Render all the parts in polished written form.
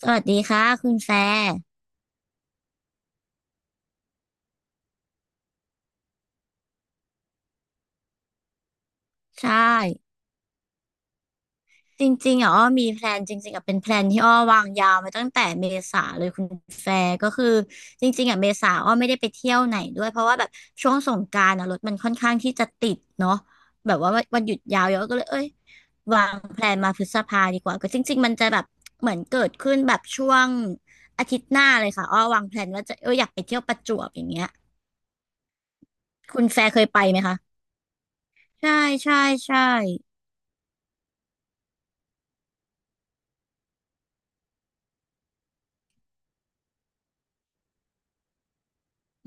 สวัสดีค่ะคุณแฟร์ใช่จริงๆอ่ะอ้อมีแพลนจริงๆอ่ะเป็นแพลนที่อ้อวางยาวมาตั้งแต่เมษาเลยคุณแฟร์ก็คือจริงๆอ่ะเมษาอ้อไม่ได้ไปเที่ยวไหนด้วยเพราะว่าแบบช่วงสงกรานต์อ่ะรถมันค่อนข้างที่จะติดเนาะแบบว่าวันหยุดยาวเยอะก็เลยเอ้ยวางแพลนมาพฤษภาดีกว่าก็จริงๆมันจะแบบเหมือนเกิดขึ้นแบบช่วงอาทิตย์หน้าเลยค่ะอ้อวางแพลนว่าจะอยากไปเที่ยวประจวบอย่างเงี้ยคุณแฟร์เคยไปไหมคะใช่ใช่ใช่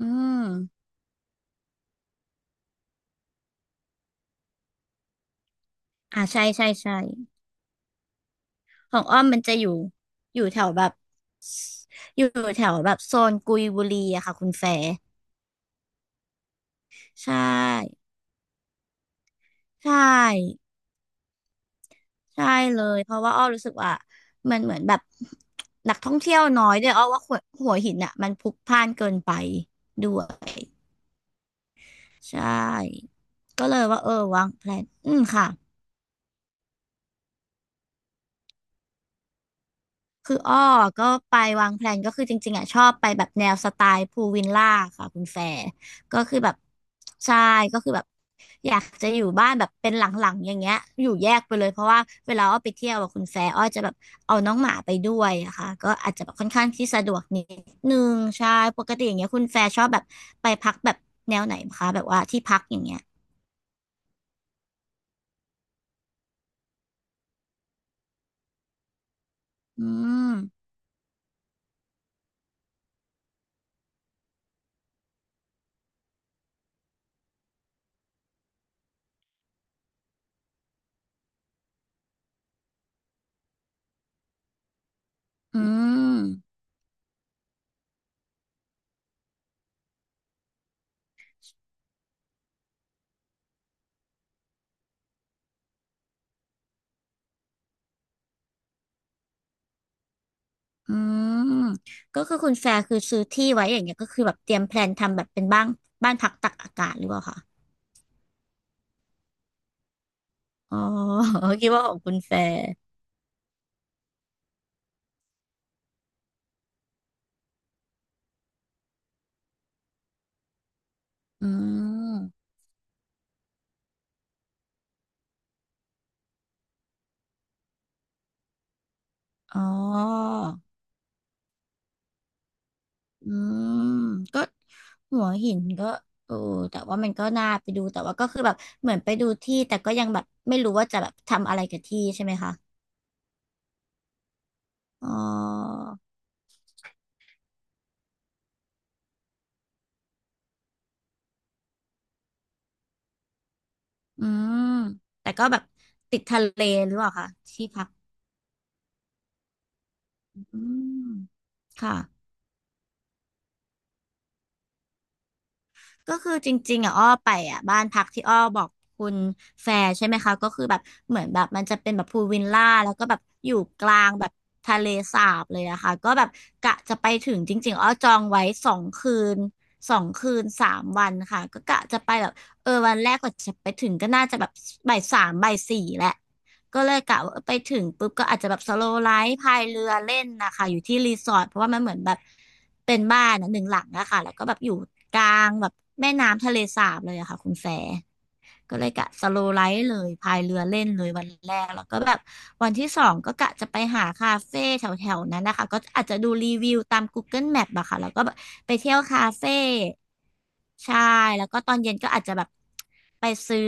อืม อ่าใช่ใช่ใช่ของอ้อมมันจะอยู่อยู่แถวแบบอยู่แถวแบบโซนกุยบุรีอะค่ะคุณแฟร์ใช่ใช่ใช่เลยเพราะว่าอ้อรู้สึกว่ามันเหมือนแบบนักท่องเที่ยวน้อยด้วยอ้อว่าหัวหินอะมันพลุกพล่านเกินไปด้วยใช่ก็เลยว่าเออวางแผนอืมค่ะ คืออ้อก็ไปวางแพลนก็คือจริงๆอ่ะชอบไปแบบแนวสไตล์พูลวิลล่าค่ะคุณแฟร์ก็คือแบบใช่ก็คือแบบอยากจะอยู่บ้านแบบเป็นหลังๆอย่างเงี้ยอยู่แยกไปเลยเพราะว่าเวลาอ้อไปเที่ยวอะคุณแฟร์อ้อจะแบบเอาน้องหมาไปด้วยอะค่ะก็อาจจะแบบค่อนข้างที่สะดวกนิดนึงใช่ปกติอย่างเงี้ยคุณแฟร์ชอบแบบไปพักแบบแนวไหนคะแบบว่าที่พักอย่างเงี้ยอืมอืม อืมก็คือคุณแฟร์คือซื้อที่ไว้อย่างเงี้ยก็คือแบบเตรียมแพลนทำแบบเป็นบ้านพักตักอากาศหรือเปล่าคะอ๋อ คิดว่าของคุณแฟร์อืมอ๋ออืมก็หัวหินก็เออแต่ว่ามันก็น่าไปดูแต่ว่าก็คือแบบเหมือนไปดูที่แต่ก็ยังแบบไม่รู้ว่าจะแบบทำอะไรกับที่ใช่ไหมคะอ๋ออืมแต่ก็แบบติดทะเลหรือเปล่าคะที่พักอืมค่ะ ก็คือจริงๆอ่ะอ้อไปอ่ะบ้านพักที่อ้อบอกคุณแฟร์ใช่ไหมคะก็คือแบบเหมือนแบบมันจะเป็นแบบพูลวิลล่าแล้วก็แบบอยู่กลางแบบทะเลสาบเลยนะคะก็แบบกะจะไปถึงจริงๆอ้อจองไว้สองคืน2 คืน 3 วันค่ะก็กะจะไปแบบเออวันแรกก็จะไปถึงก็น่าจะแบบบ่าย 3 บ่าย 4แหละ ก็เลยกะว่าไปถึงปุ๊บก็อาจจะแบบสโลว์ไลฟ์พายเรือเล่นนะคะอยู่ที่รีสอร์ทเพราะว่ามันเหมือนแบบเป็นบ้านอะ1 หลังนะคะแล้วก็แบบอยู่กลางแบบแม่น้ำทะเลสาบเลยอะค่ะคุณแฟร์ ก็เลยกะสโลว์ไลฟ์เลยพายเรือเล่นเลยวันแรกแล้วก็แบบวันที่ 2ก็กะจะไปหาคาเฟ่แถวๆนั้นนะคะก็อาจจะดูรีวิวตาม Google Map อะค่ะแล้วก็แบบไปเที่ยวคาเฟ่ใช่แล้วก็ตอนเย็นก็อาจจะแบบไปซื้อ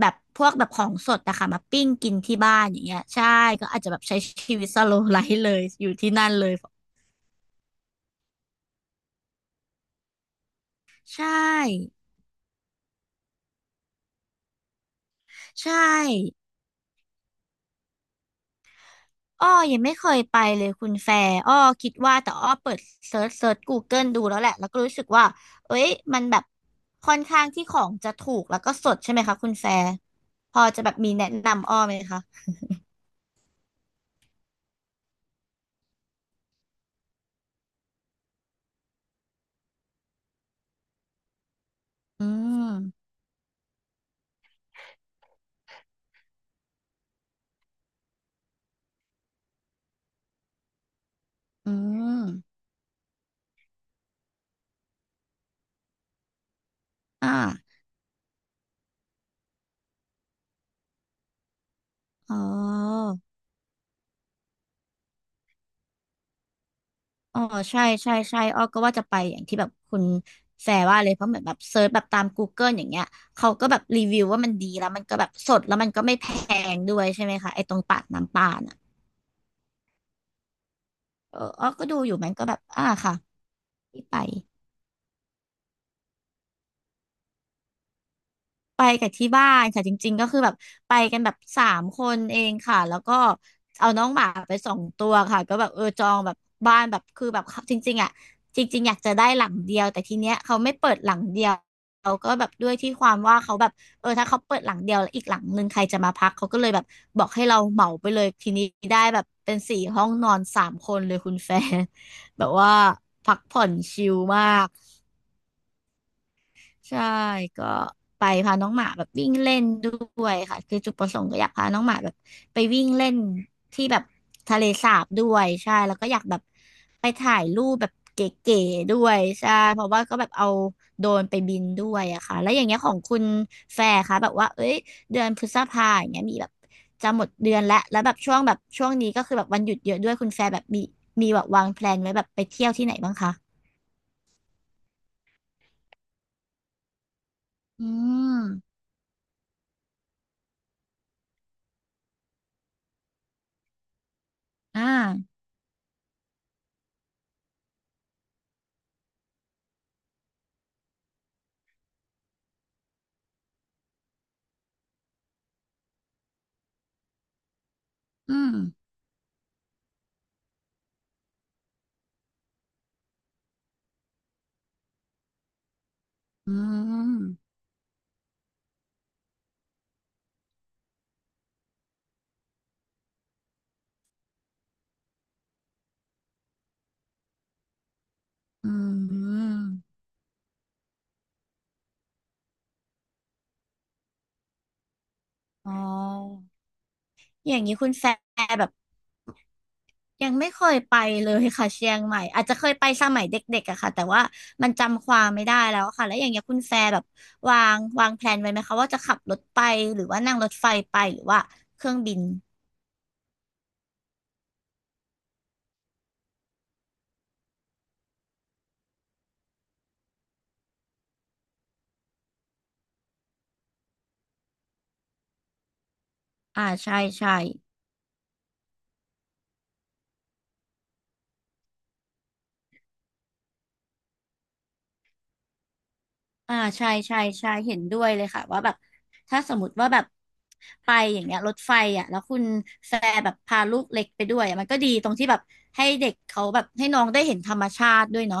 แบบพวกแบบของสดอะค่ะมาปิ้งกินที่บ้านอย่างเงี้ยใช่ก็อาจจะแบบใช้ชีวิตสโลว์ไลฟ์เลยอยู่ที่นั่นเลยใช่ใช่ อ้อยังไม่เคยไปเลยคุณแฟร์อ้อคิดว่าแต่อ้อเปิดเซิร์ช Google ดูแล้วแหละแล้วก็รู้สึกว่าเอ้ยมันแบบค่อนข้างที่ของจะถูกแล้วก็สดใช่ไหมคะคุณแฟร์พอจะแบบมีแนะนำอ้อไหมคะอืมอืมอ่าอ๋ออ๋อใช่ใช่ใช่อ้อก็ว่าจะไปอย่างที่แบบคุณแฟร์ว่าเลยเพราะเหมือนแบบเซิร์ชแบบตาม Google อย่างเงี้ยเขาก็แบบรีวิวว่ามันดีแล้วมันก็แบบสดแล้วมันก็ไม่แพงด้วยใช่ไหมคะไอ้ตรงปากน้ำปาน่ะ เอออ้อก็ดูอยู่มันก็แบบ อ่าค่ะที่ไปไปกับที่บ้านค่ะจริงๆก็คือแบบไปกันแบบสามคนเองค่ะแล้วก็เอาน้องหมาไป2 ตัวค่ะก็แบบเออจองแบบบ้านแบบคือแบบจริงๆอ่ะจริงๆอยากจะได้หลังเดียวแต่ทีเนี้ยเขาไม่เปิดหลังเดียวเขาก็แบบด้วยที่ความว่าเขาแบบเออถ้าเขาเปิดหลังเดียวแล้วอีกหลังหนึ่งใครจะมาพักเขาก็เลยแบบบอกให้เราเหมาไปเลยทีนี้ได้แบบเป็น4 ห้องนอน 3 คนเลยคุณแฟน แบบว่าพักผ่อนชิลมาก ใช่ก็ไปพาน้องหมาแบบวิ่งเล่นด้วยค่ะคือจุดประสงค์ก็อยากพาน้องหมาแบบไปวิ่งเล่นที่แบบทะเลสาบด้วยใช่แล้วก็อยากแบบไปถ่ายรูปแบบเก๋ๆด้วยใช่เพราะว่าก็แบบเอาโดรนไปบินด้วยอะค่ะแล้วอย่างเงี้ยของคุณแฟร์คะแบบว่าเอ้ยเดือนพฤษภาอย่างเงี้ยมีแบบจะหมดเดือนแล้วแล้วแบบช่วงแบบช่วงนี้ก็คือแบบวันหยุดเยอะด้วยคุณแฟร์แบบมีแบบวางแพลนไว้แบบไปเที่ยวที่ไหนบ้างคะอืมอ่าอืม อืมอืมอ๋ออย่างนี้คุณแฟร์แบบยังไม่เคยไปเลยค่ะเชียงใหม่อาจจะเคยไปสมัยเด็กๆอะค่ะแต่ว่ามันจำความไม่ได้แล้วค่ะแล้วอย่างเงี้ยคุณแฟร์แบบวางแพลนไว้ไหมคะว่าจะขับรถไปหรือว่านั่งรถไฟไปหรือว่าเครื่องบินอ่าใช่ใช่ อ่าใช่ใช่ใช่เห็นด้วยเลยค่ะว่าแบบถ้าสมมติว่าแบบไปอย่างเงี้ยรถไฟอ่ะแล้วคุณแฟร์แบบพาลูกเล็กไปด้วยอะมันก็ดีตรงที่แบบให้เด็กเขาแบบให้น้องได้เห็นธรรมชาติด้วยเนาะ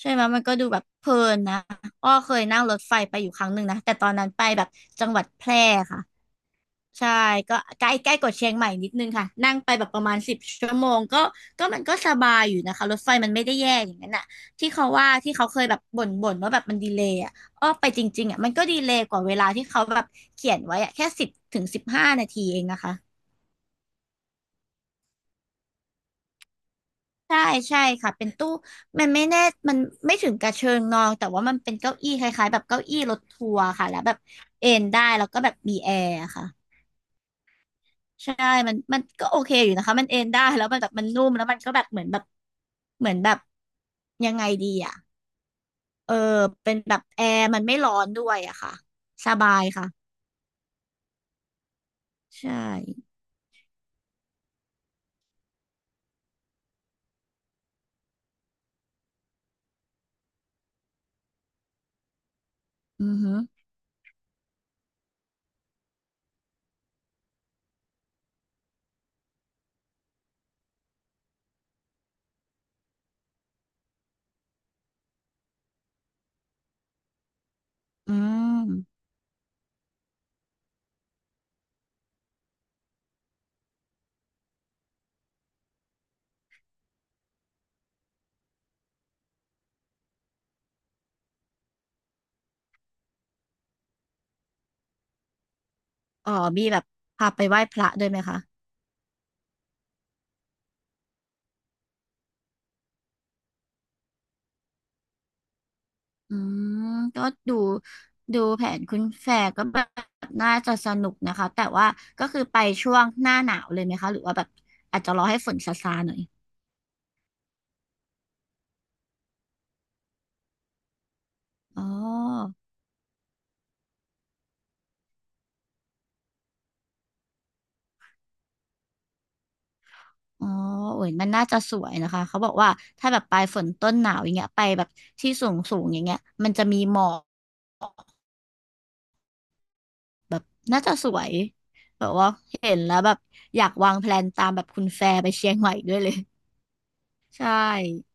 ใช่ไหมมันก็ดูแบบเพลินนะอ้อเคยนั่งรถไฟไปอยู่ครั้งหนึ่งนะแต่ตอนนั้นไปแบบจังหวัดแพร่ค่ะ ใช่ก็ใกล้ใกล้กว่าเชียงใหม่นิดนึงค่ะนั่งไปแบบประมาณ10 ชั่วโมงก็ก็มันก็สบายอยู่นะคะรถไฟมันไม่ได้แย่อย่างนั้นอ่ะที่เขาว่าที่เขาเคยแบบบ่นว่าแบบมันดีเลย์อ่ะอ้อไปจริงๆอ่ะมันก็ดีเลย์กว่าเวลาที่เขาแบบเขียนไว้อ่ะแค่10 ถึง 15 นาทีเองนะคะใช่ใช่ค่ะเป็นตู้มันไม่แน่มันไม่ถึงกระเชิงนอนแต่ว่ามันเป็นเก้าอี้คล้ายๆแบบเก้าอี้รถทัวร์ค่ะแล้วแบบเอนได้แล้วก็แบบมีแอร์ค่ะ ใช่มันก็โอเคอยู่นะคะมันเอนได้แล้วมันแบบมันนุ่มแล้วมันก็แบบเหมือนแบบเหมือนแบบยังไงดีอ่ะเออเป็นแบบแอร์มันไม่ร้อนด้วยอะค่ะสบายค่ะใช่อือหืออืมอ๋อมีแบบพาไปไหว้พระด้วยไหมคะอืมก็ดูดูแผนคุณแฟร์ก็แบบน่าจะสนุกนะคะแต่ว่าก็คือไปช่วงหน้าหนาวเลยไหมคะหรือว่าแบบอาจจะรอให้ฝนซาซาหน่อยอ๋อ อ๋อโอ้ยมันน่าจะสวยนะคะเขาบอกว่าถ้าแบบปลายฝนต้นหนาวอย่างเงี้ยไปแบบที่สูงสูงอย่างเงี้ยมันจะมีหมอกน่าจะสวยแบบว่าเห็นแล้วแบบอยากวางแพลนตามแบบคุณแฟร์ไปเชียงใหม่ด้วยเลย ใช่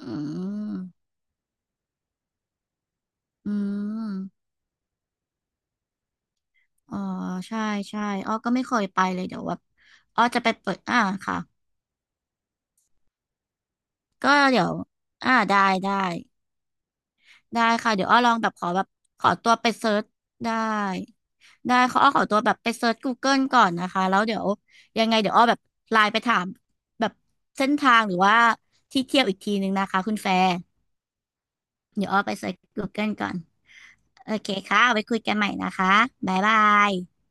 อืมอืมอ๋อใช่ใช่อ้อก็ไม่เคยไปเลยเดี๋ยวว่าอ้อจะไปเปิดอ่าค่ะก็เดี๋ยวอ่าได้ได้ ได้ค่ะเดี๋ยวอ้อลองแบบขอแบบขอตัวไปเซิร์ชได้ได้ขออ้อขอตัวแบบไปเซิร์ชก o เกิลก่อนนะคะแล้วเดี๋ยวยังไงเดี๋ยวอ้อแบบไลน์ไปถามแบบเส้นทางหรือว่าที่เที่ยวอีกทีนึงนะคะคุณแฟร์เดี๋ยวอ้อไปเซิร์ชกูเกิลก่อนโอเคค่ะไว้คุยกันใหม่นะคะบ๊ายบาย